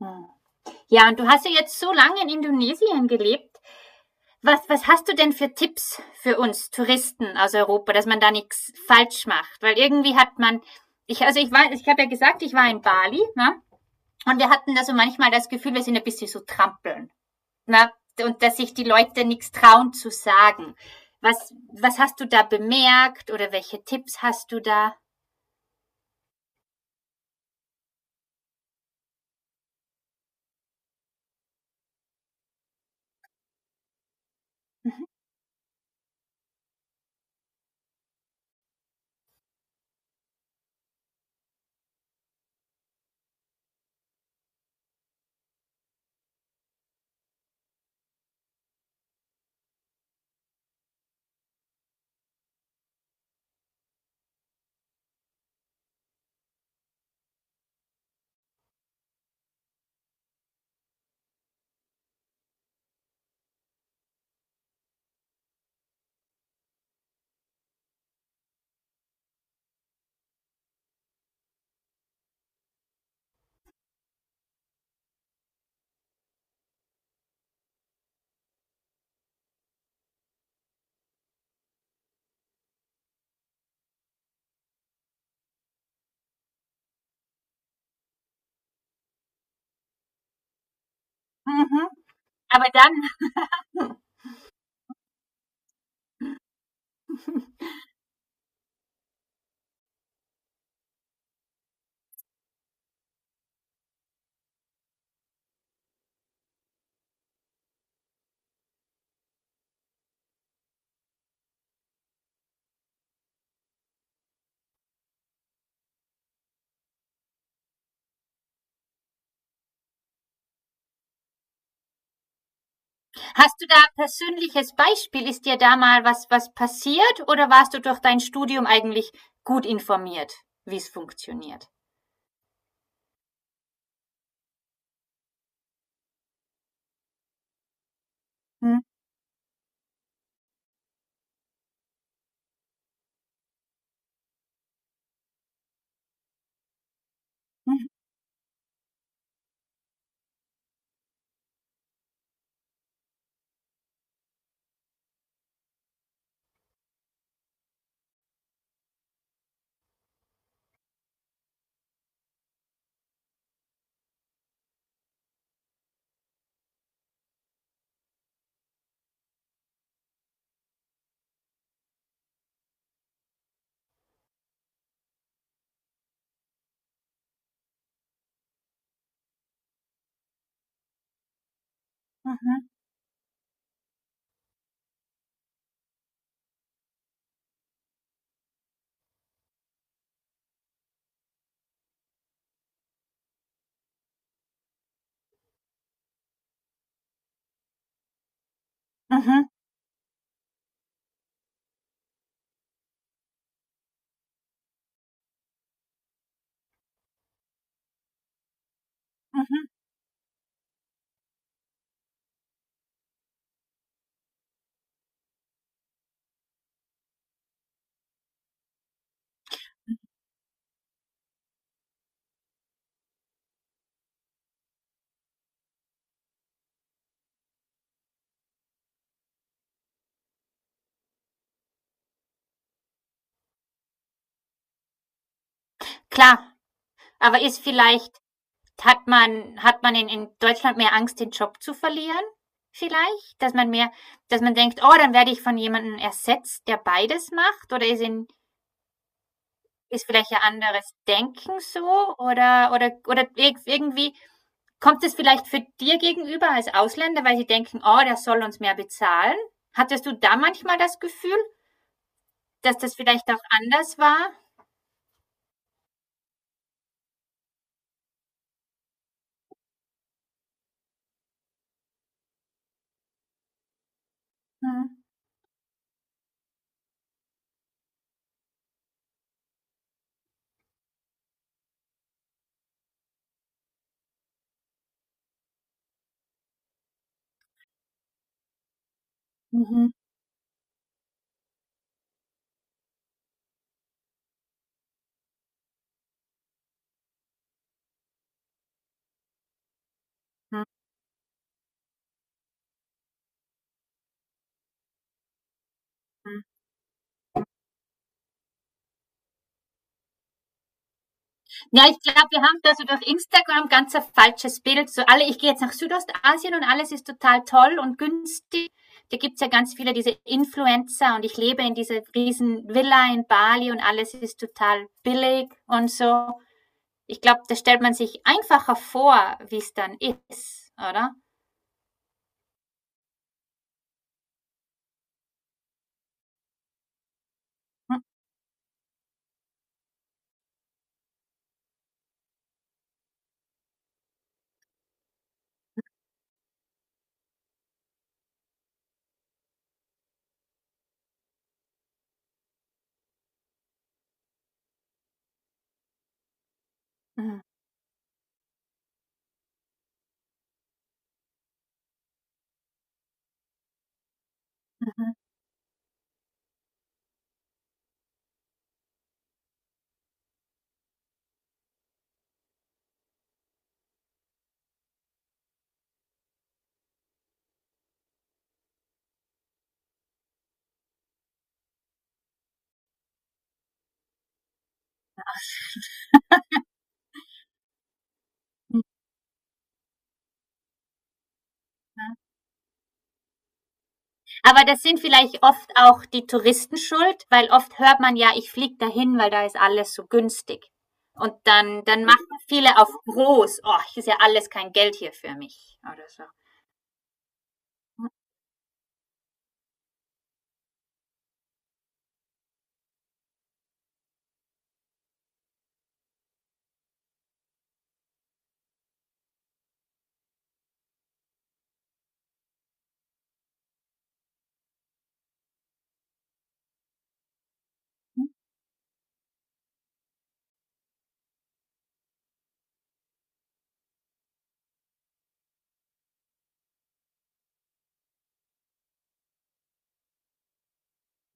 Hm. Ja, und du hast ja jetzt so lange in Indonesien gelebt. Was hast du denn für Tipps für uns Touristen aus Europa, dass man da nichts falsch macht? Weil irgendwie hat man, ich, also ich war, ich habe ja gesagt, ich war in Bali, ne? Und wir hatten da so manchmal das Gefühl, wir sind ein bisschen so trampeln. Ne? Und dass sich die Leute nichts trauen zu sagen. Was hast du da bemerkt oder welche Tipps hast du da? Mhm. Aber dann hast du da ein persönliches Beispiel? Ist dir da mal was, was passiert oder warst du durch dein Studium eigentlich gut informiert, wie es funktioniert? Mhm, mhm, mhm, mhm, mhm. Klar, aber ist vielleicht, hat man in Deutschland mehr Angst, den Job zu verlieren? Vielleicht? Dass man mehr, dass man denkt, oh, dann werde ich von jemandem ersetzt, der beides macht? Oder ist in, ist vielleicht ein anderes Denken so? Oder irgendwie kommt es vielleicht für dir gegenüber als Ausländer, weil sie denken, oh, der soll uns mehr bezahlen? Hattest du da manchmal das Gefühl, dass das vielleicht auch anders war? Mhm. Mhm. Mhm. Ja, ich glaube, wir haben da so durch Instagram ganz ein falsches Bild. So alle, ich gehe jetzt nach Südostasien und alles ist total toll und günstig. Da gibt's ja ganz viele diese Influencer und ich lebe in dieser riesen Villa in Bali und alles ist total billig und so. Ich glaube, da stellt man sich einfacher vor, wie es dann ist, oder? Mhm, mhm. Aber das sind vielleicht oft auch die Touristen schuld, weil oft hört man ja, ich fliege dahin, weil da ist alles so günstig. Und dann, dann machen viele auf groß, oh, ist ja alles kein Geld hier für mich oder so.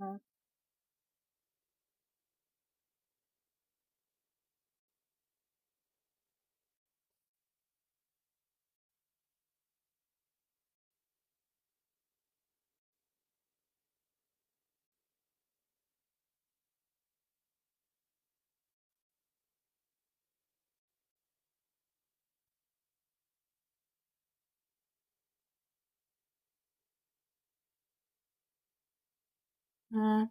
Mhm. Mhm.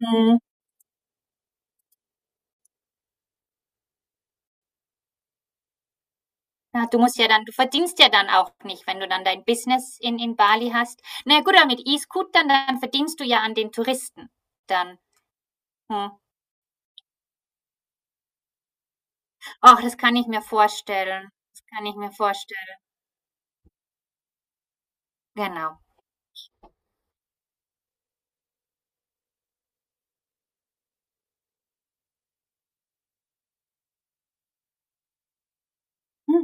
Mhm. Ja, du musst ja dann, du verdienst ja dann auch nicht, wenn du dann dein Business in Bali hast. Na gut, aber mit E-Scootern, dann verdienst du ja an den Touristen. Dann, hm. Ach, das kann ich mir vorstellen. Das kann ich mir vorstellen. Genau. Hm,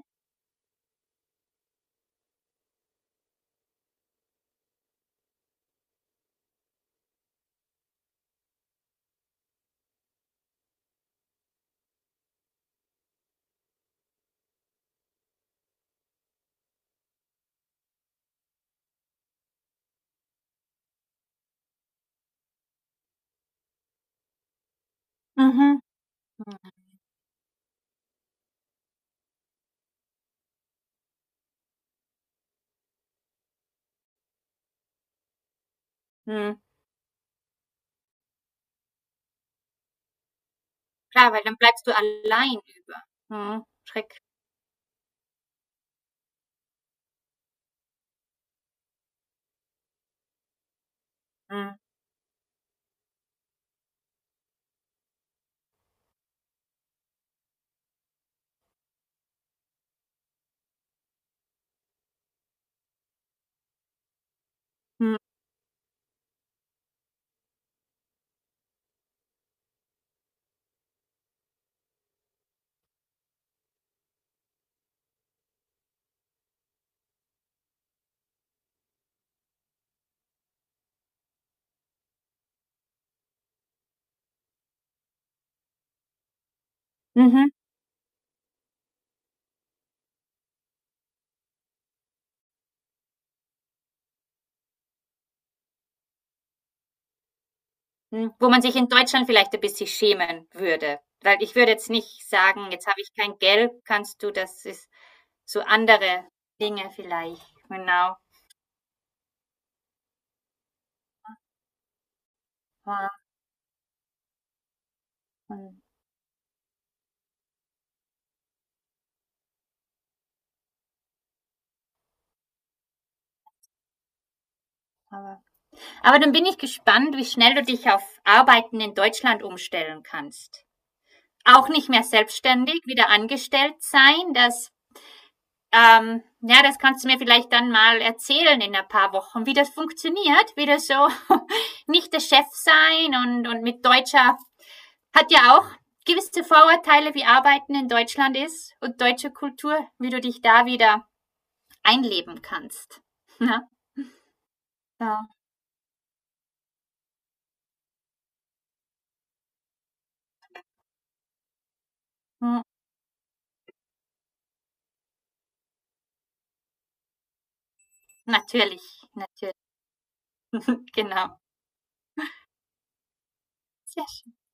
mhm. Mhm. Klar, weil dann bleibst du allein über. Mhm. Schreck. Mhm. Mhm. Mhm. Mhm. Wo man sich in Deutschland vielleicht ein bisschen schämen würde. Weil ich würde jetzt nicht sagen, jetzt habe ich kein Geld, kannst du, das ist so andere Dinge vielleicht. Genau. Ja. Mhm. Aber, aber dann bin ich gespannt, wie schnell du dich auf Arbeiten in Deutschland umstellen kannst. Auch nicht mehr selbstständig, wieder angestellt sein, das ja, das kannst du mir vielleicht dann mal erzählen in ein paar Wochen, wie das funktioniert, wie das so nicht der Chef sein und mit Deutscher hat ja auch gewisse Vorurteile, wie Arbeiten in Deutschland ist und deutsche Kultur, wie du dich da wieder einleben kannst. Ja, ja. Hm. Natürlich, natürlich, genau. Ja.